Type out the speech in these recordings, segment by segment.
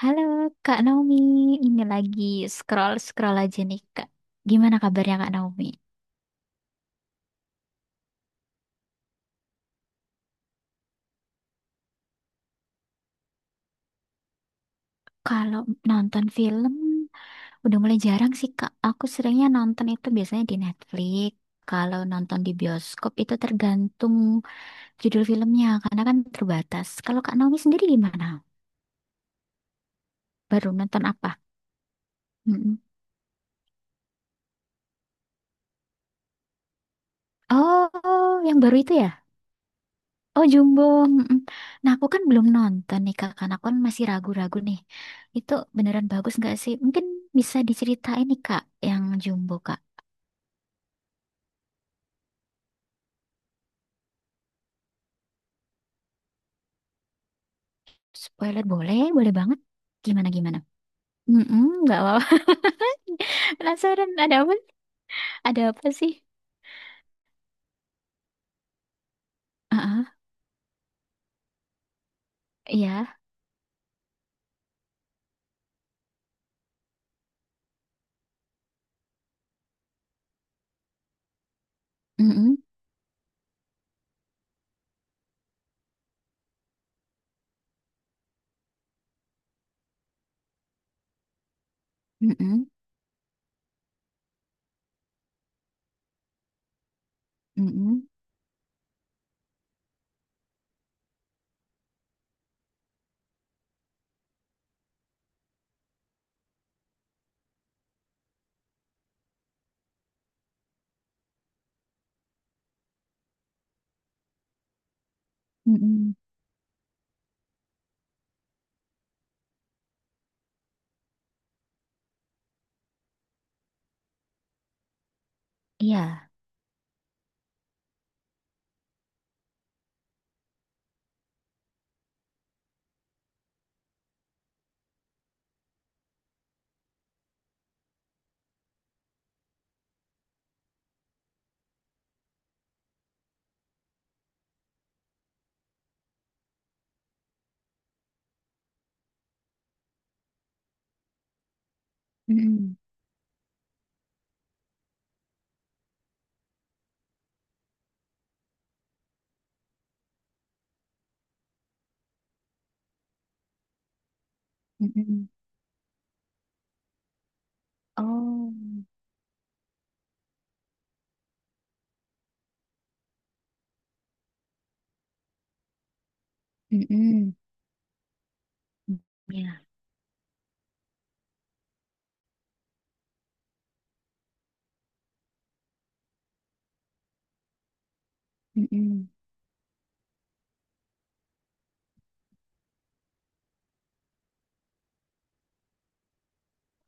Halo Kak Naomi, ini lagi scroll-scroll aja nih Kak. Gimana kabarnya Kak Naomi? Kalau nonton film, udah mulai jarang sih Kak. Aku seringnya nonton itu biasanya di Netflix. Kalau nonton di bioskop itu tergantung judul filmnya, karena kan terbatas. Kalau Kak Naomi sendiri gimana? Baru nonton apa? Mm-mm. Oh, yang baru itu ya? Oh Jumbo, mm-mm. Nah aku kan belum nonton nih Kak, karena aku kan masih ragu-ragu nih. Itu beneran bagus nggak sih? Mungkin bisa diceritain nih Kak, yang Jumbo Kak. Spoiler boleh, boleh banget. Gimana gimana? Mm-mm, nggak apa-apa. Penasaran ada apa? Ada apa sih? Ah, iya. Mm-mm, mm-mm, mm-mm, mm-mm. Iya. Mm-mm, mm-mm. Oh. Mm-mm. Iya. Mm-mm.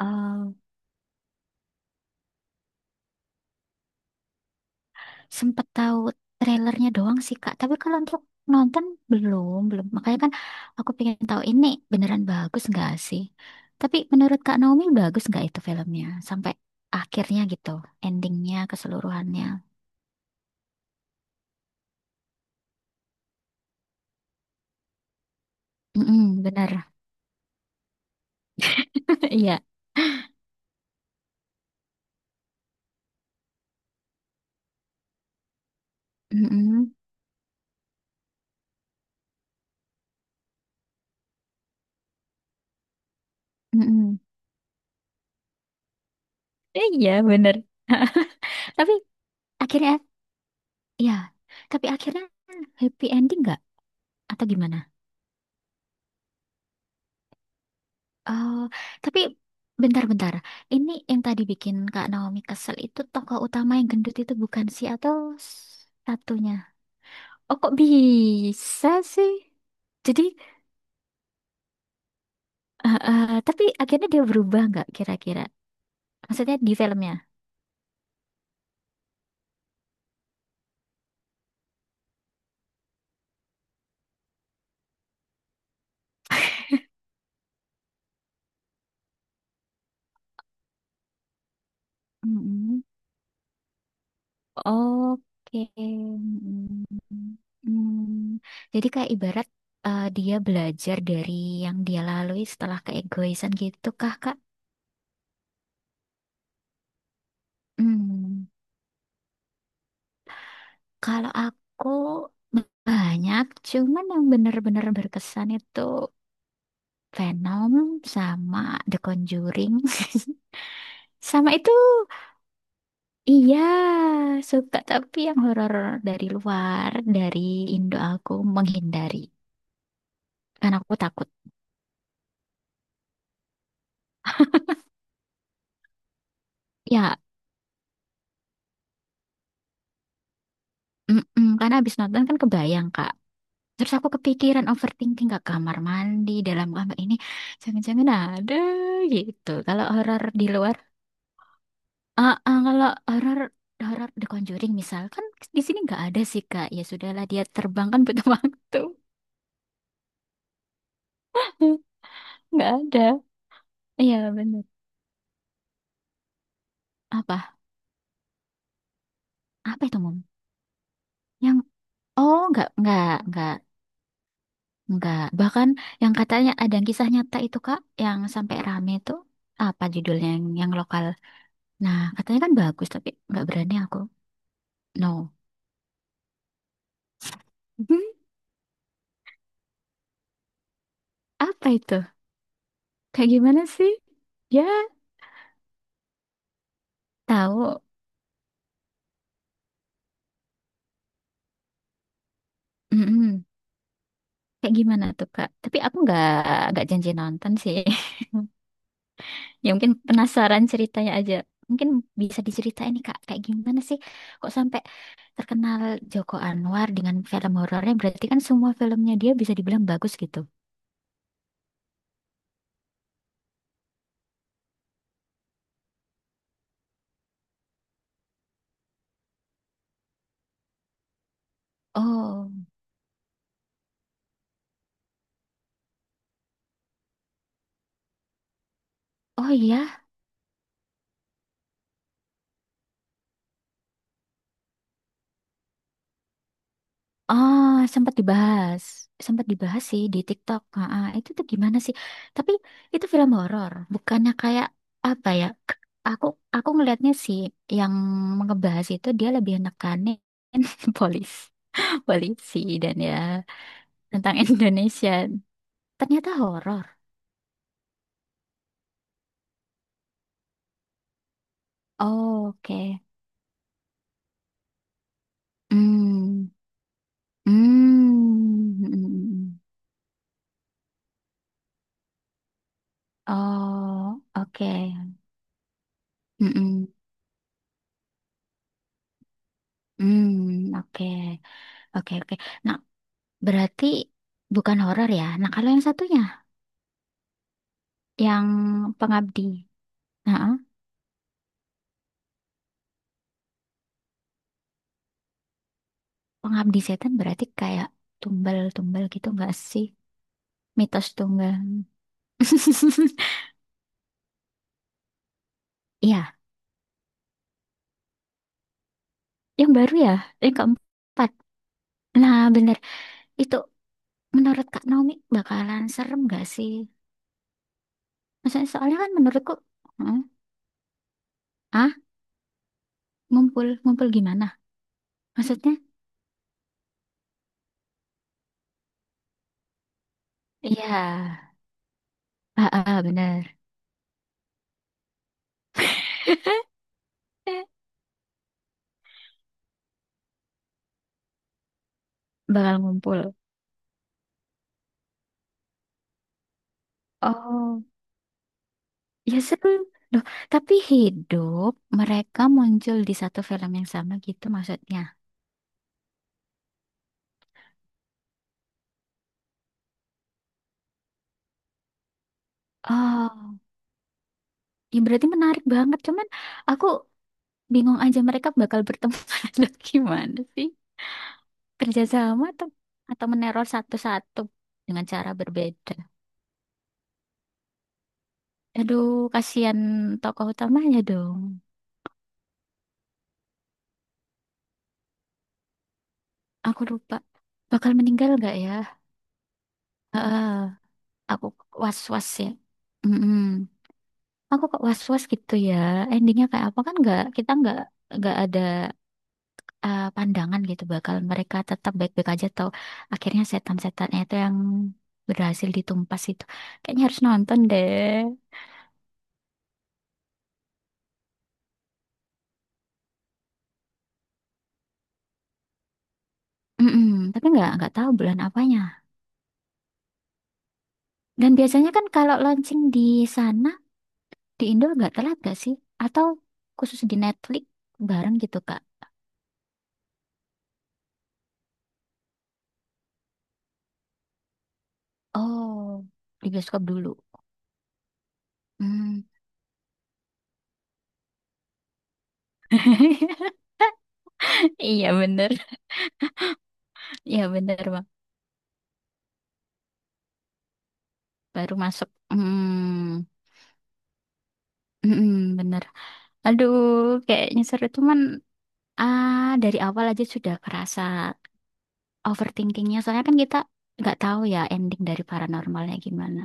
Oh. Sempet tahu trailernya doang sih Kak. Tapi kalau untuk nonton belum, belum. Makanya kan aku pengen tahu ini beneran bagus nggak sih? Tapi menurut Kak Naomi bagus nggak itu filmnya sampai akhirnya gitu, endingnya keseluruhannya. Mm-mm, bener. Iya. Mm-mm, mm-mm. Eh, iya bener. Tapi akhirnya, ya. Tapi akhirnya happy ending nggak? Atau gimana? Oh, tapi bentar-bentar. Ini yang tadi bikin Kak Naomi kesel itu tokoh utama yang gendut itu bukan sih atau satunya? Oh, kok bisa sih? Jadi, tapi akhirnya dia berubah nggak kira-kira? Maksudnya di filmnya? Mm-mm. Oke. Mm-mm. Mm. Jadi kayak ibarat dia belajar dari yang dia lalui setelah keegoisan gitu kah, Kak? Hmm. Kalau aku banyak, cuman yang bener-bener berkesan itu Venom sama The Conjuring. Sama itu, iya, suka tapi yang horor dari luar, dari Indo aku menghindari. Karena aku takut. Ya, mm-mm, karena habis nonton kan kebayang, Kak. Terus aku kepikiran overthinking ke kamar mandi, dalam kamar ini. Jangan-jangan ada gitu. Kalau horor di luar, ah, ah, kalau horor horor The Conjuring misal kan di sini nggak ada sih Kak. Ya sudahlah dia terbang kan butuh waktu. Nggak ada. Iya bener. Apa? Apa itu Mom? Yang oh, nggak, nggak, nggak, nggak. Bahkan yang katanya ada yang kisah nyata itu Kak, yang sampai rame itu apa judulnya yang lokal. Nah katanya kan bagus tapi nggak berani aku. No. Apa itu? Kayak gimana sih? Ya tahu. Mm-mm. Kayak gimana tuh Kak? Tapi aku nggak janji nonton sih. Ya mungkin penasaran ceritanya aja. Mungkin bisa diceritain nih Kak, kayak gimana sih kok sampai terkenal Joko Anwar dengan film horornya? Berarti kan semua filmnya dia bisa dibilang bagus gitu. Oh, oh iya. Oh, sempat dibahas. Sempat dibahas sih di TikTok. Ah, ah, itu tuh gimana sih? Tapi itu film horor, bukannya kayak apa ya? Aku aku ngelihatnya sih yang ngebahas itu dia lebih nekanin polis, polisi dan ya tentang Indonesia. Ternyata horor. Oh, oke. Hmm. Hmm. Mm, mm, mm. Oh, oke. Mm, mm. Hmm, oke. Oke, oke. Nah, berarti bukan horor ya. Nah, kalau yang satunya, yang pengabdi. Nah, pengabdi setan berarti kayak tumbal-tumbal gitu nggak sih? Mitos tunggal. Iya, yang baru ya, yang keempat. Nah, bener. Itu menurut Kak Naomi bakalan serem nggak sih? Maksudnya soalnya kan menurutku, eh, ah, ngumpul ngumpul gimana? Maksudnya? Iya, ah, ah, bener. Bakal ngumpul. Oh. Ya seru. Loh, tapi hidup mereka muncul di satu film yang sama gitu maksudnya. Oh, ya berarti menarik banget. Cuman aku bingung aja mereka bakal bertemu atau gimana sih? Kerjasama atau meneror satu-satu dengan cara berbeda. Aduh, kasihan tokoh utamanya dong. Aku lupa. Bakal meninggal nggak ya? Heeh, aku was-was ya. Mm-mm. Aku kok was-was gitu ya, endingnya kayak apa kan nggak, kita nggak ada pandangan gitu bakal mereka tetap baik-baik aja atau akhirnya setan-setannya itu yang berhasil ditumpas itu, kayaknya harus nonton deh. Mm-mm, tapi nggak tahu bulan apanya, dan biasanya kan kalau launching di sana di Indo nggak telat gak sih, atau khusus di Netflix bareng gitu Kak. Oh, di bioskop dulu. Hmm. Iya bener, iya bener baru masuk. Hmm, mm-mm, bener. Aduh, kayaknya seru cuman dari awal aja sudah kerasa overthinkingnya. Soalnya kan kita nggak tahu ya ending dari paranormalnya gimana.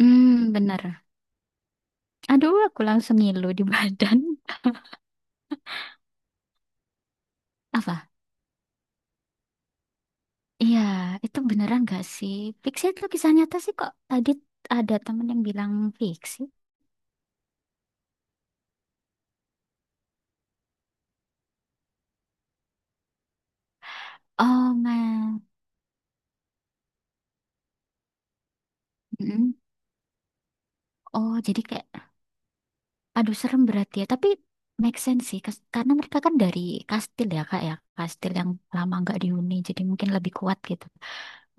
Hmm, bener. Aduh, aku langsung ngilu di badan. Apa? Iya, itu beneran gak sih? Fiksi itu kisah nyata sih kok. Tadi ada temen yang bilang fiksi. Oh, man. Mm-mm. Oh, jadi kayak aduh, serem berarti ya. Tapi make sense sih, karena mereka kan dari kastil ya, Kak ya. Kastil yang lama nggak dihuni, jadi mungkin lebih kuat gitu.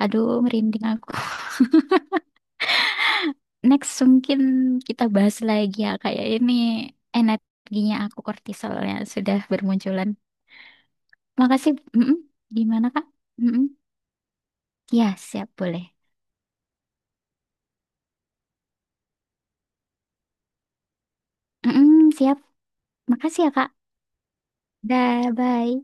Aduh, merinding aku. Next, mungkin kita bahas lagi ya, Kak ya. Ini energinya aku, kortisolnya sudah bermunculan. Makasih. Mm-mm. Gimana, Kak? Mm-mm. Ya, siap, boleh. Mm-mm, siap. Makasih ya, Kak. Dah, bye.